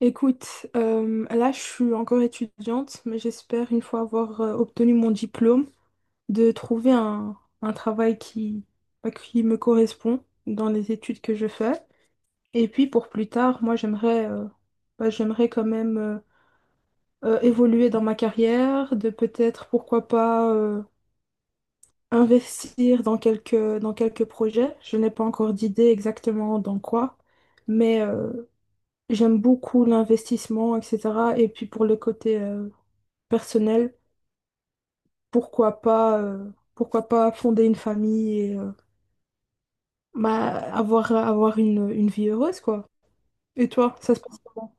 Écoute, là je suis encore étudiante, mais j'espère une fois avoir obtenu mon diplôme, de trouver un travail qui, qui me correspond dans les études que je fais. Et puis pour plus tard, moi j'aimerais quand même évoluer dans ma carrière, de peut-être pourquoi pas investir dans dans quelques projets. Je n'ai pas encore d'idée exactement dans quoi, mais j'aime beaucoup l'investissement, etc. Et puis pour le côté personnel, pourquoi pas fonder une famille et avoir, une vie heureuse, quoi. Et toi, ça se passe comment?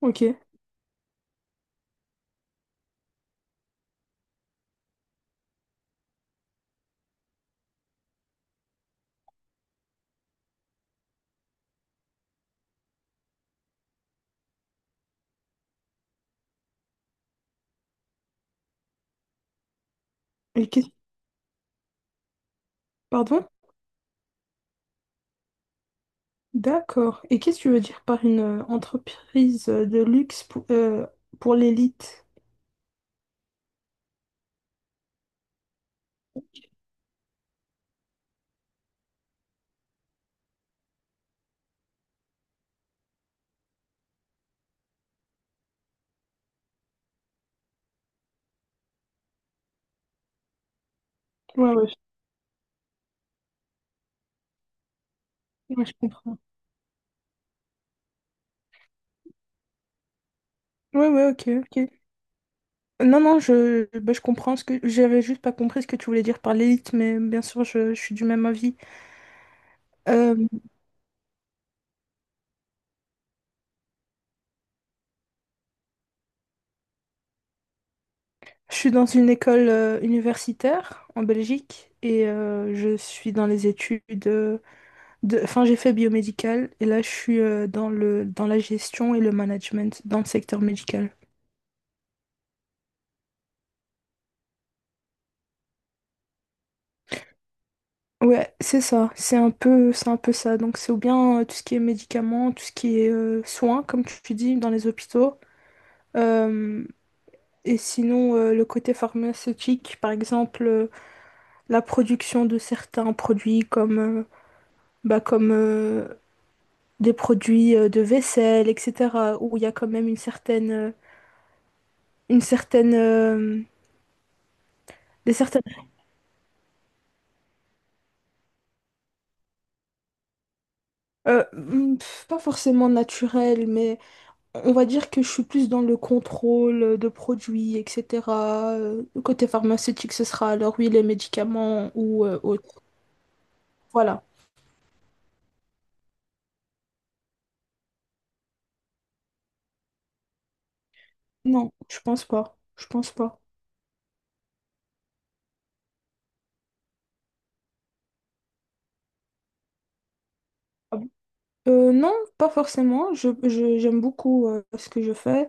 Ok. Et qu'est-ce... Pardon? D'accord. Et qu'est-ce que tu veux dire par une entreprise de luxe pour l'élite? Ouais, ouais, je comprends. Ouais, ouais, ok, ok. Non, non, je comprends ce que j'avais juste pas compris ce que tu voulais dire par l'élite, mais bien sûr, je suis du même avis. Je suis dans une école universitaire en Belgique et je suis dans les études euh, de... Enfin, j'ai fait biomédical et là, je suis dans le... dans la gestion et le management dans le secteur médical. Ouais, c'est ça. C'est un peu ça. Donc, c'est ou bien tout ce qui est médicaments, tout ce qui est soins, comme tu dis, dans les hôpitaux. Euh, et sinon, le côté pharmaceutique, par exemple, la production de certains produits comme des produits de vaisselle, etc., où il y a quand même une certaine, des certaines, hmm, pff, pas forcément naturelle, mais on va dire que je suis plus dans le contrôle de produits, etc. Côté pharmaceutique, ce sera alors oui les médicaments ou autre. Voilà. Non, je pense pas. Je pense pas. Ah bon. Non, pas forcément. J'aime beaucoup ce que je fais.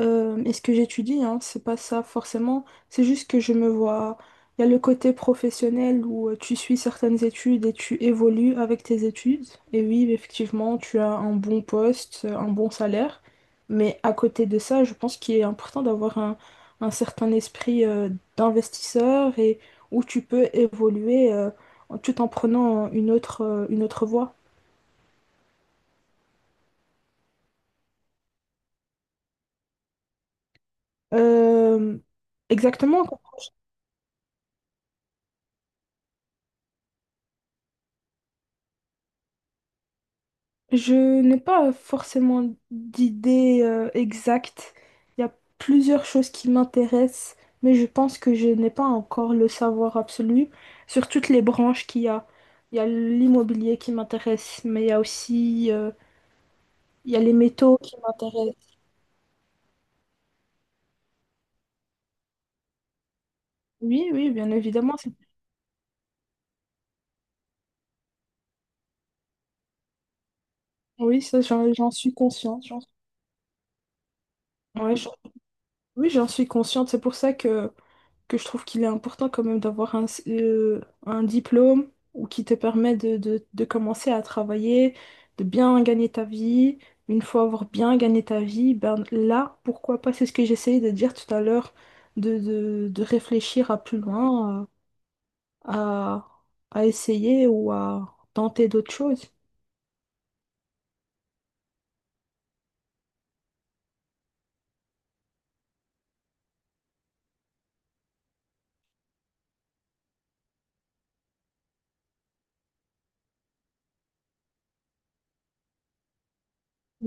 Euh, et ce que j'étudie, hein, c'est pas ça forcément. C'est juste que je me vois. Il y a le côté professionnel où tu suis certaines études et tu évolues avec tes études. Et oui, effectivement, tu as un bon poste, un bon salaire. Mais à côté de ça, je pense qu'il est important d'avoir un certain esprit d'investisseur et où tu peux évoluer tout en prenant une une autre voie. Euh, Exactement. Je n'ai pas forcément d'idée exacte. Il y a plusieurs choses qui m'intéressent, mais je pense que je n'ai pas encore le savoir absolu sur toutes les branches qu'il y a. Il y a l'immobilier qui m'intéresse, mais il y a aussi il y a les métaux qui m'intéressent. Oui, oui, bien évidemment. Oui, ça, j'en suis consciente. Ouais, j'en- Oui, j'en suis consciente. C'est pour ça que je trouve qu'il est important quand même d'avoir un diplôme ou qui te permet de commencer à travailler, de bien gagner ta vie. Une fois avoir bien gagné ta vie, ben là, pourquoi pas, c'est ce que j'essayais de dire tout à l'heure, de réfléchir à plus loin, à, à à essayer ou à tenter d'autres choses.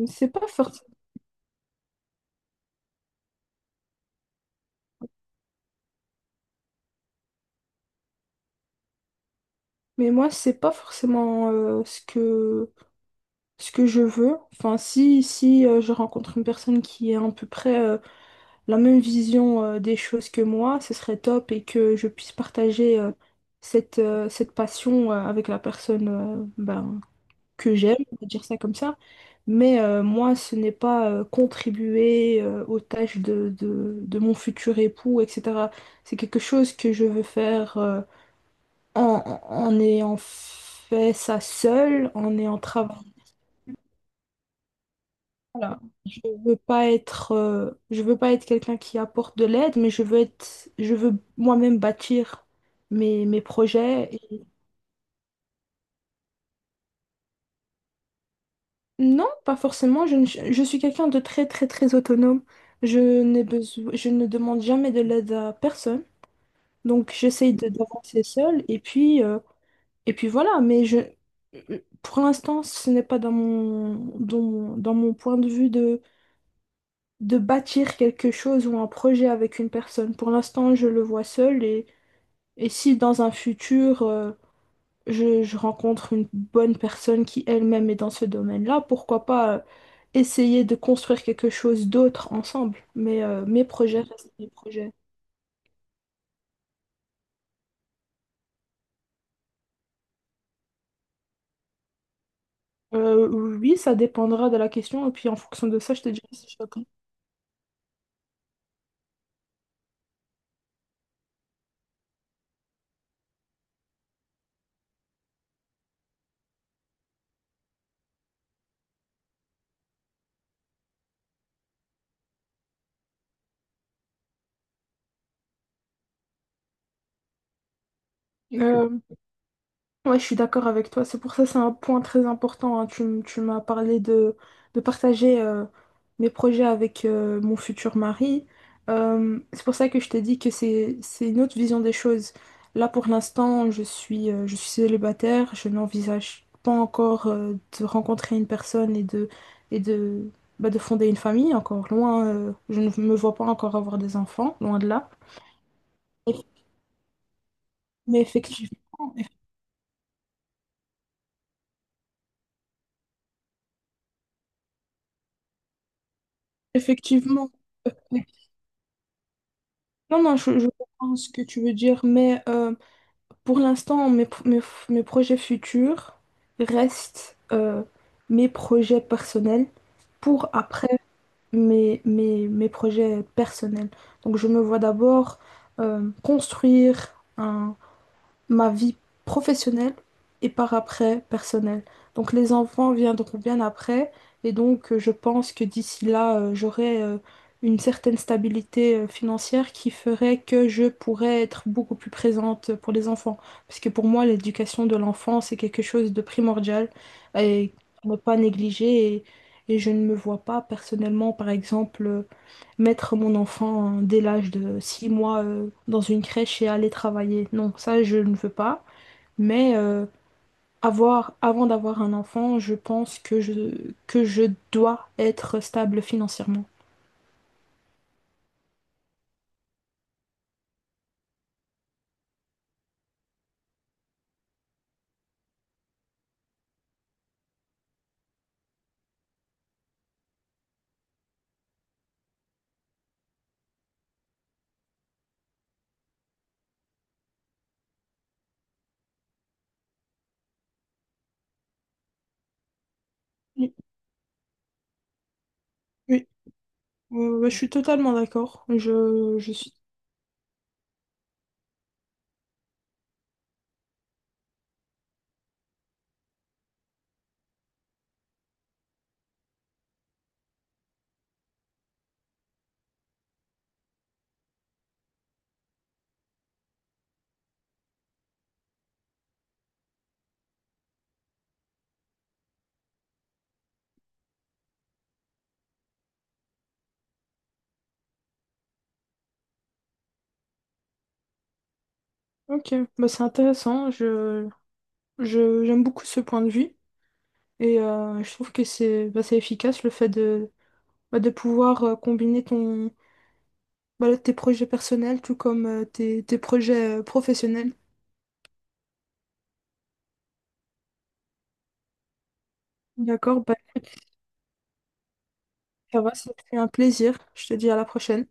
C'est pas forcément... Mais moi, c'est pas forcément ce que je veux. Enfin, si, si je rencontre une personne qui est à peu près la même vision des choses que moi, ce serait top et que je puisse partager cette passion avec la personne que j'aime, on va dire ça comme ça. Mais moi, ce n'est pas contribuer aux tâches de mon futur époux, etc. C'est quelque chose que je veux faire en, en en ayant fait ça seule, en ayant travaillé. Voilà. Je je veux pas être quelqu'un qui apporte de l'aide, mais je veux moi-même bâtir mes projets. Et non, pas forcément. Je, ne- Je suis quelqu'un de très, très, très autonome. Je n'ai besoin, Je ne demande jamais de l'aide à personne. Donc, j'essaye de d'avancer seule. Et puis voilà. Mais je, pour l'instant, ce n'est pas dans dans mon point de vue de bâtir quelque chose ou un projet avec une personne. Pour l'instant, je le vois seul. Et si dans un futur, je rencontre une bonne personne qui elle-même est dans ce domaine-là, pourquoi pas essayer de construire quelque chose d'autre ensemble. Mais mes projets restent mes projets. Oui, ça dépendra de la question, et puis en fonction de ça, je te dirai si je réponds. Ouais, je suis d'accord avec toi. C'est pour ça que c'est un point très important, hein. Tu m'as parlé de partager mes projets avec mon futur mari. C'est pour ça que je t'ai dit que c'est une autre vision des choses. Là, pour l'instant, je suis célibataire. Je n'envisage pas encore de rencontrer une personne et de, de fonder une famille. Encore loin, je ne me vois pas encore avoir des enfants, loin de là. Mais effectivement, effectivement. Non, non, je comprends ce que tu veux dire, mais pour l'instant, mes projets futurs restent mes projets personnels pour après mes projets personnels. Donc, je me vois d'abord construire ma vie professionnelle et par après personnelle. Donc les enfants viendront bien après et donc je pense que d'ici là, j'aurai une certaine stabilité financière qui ferait que je pourrais être beaucoup plus présente pour les enfants. Parce que pour moi, l'éducation de l'enfant, c'est quelque chose de primordial et à ne pas négliger et je ne me vois pas personnellement, par exemple, mettre mon enfant dès l'âge de 6 mois dans une crèche et aller travailler. Non, ça, je ne veux pas. Mais avant d'avoir un enfant, je pense que que je dois être stable financièrement. Oui, oui. Ouais, je suis totalement d'accord. Je suis... Ok, bah, c'est intéressant. J'aime beaucoup ce point de vue. Et je trouve que c'est bah, c'est efficace le fait bah, de pouvoir combiner ton, voilà, tes projets personnels, tout comme tes projets professionnels. D'accord, bah, écoute, ça va, c'était un plaisir. Je te dis à la prochaine.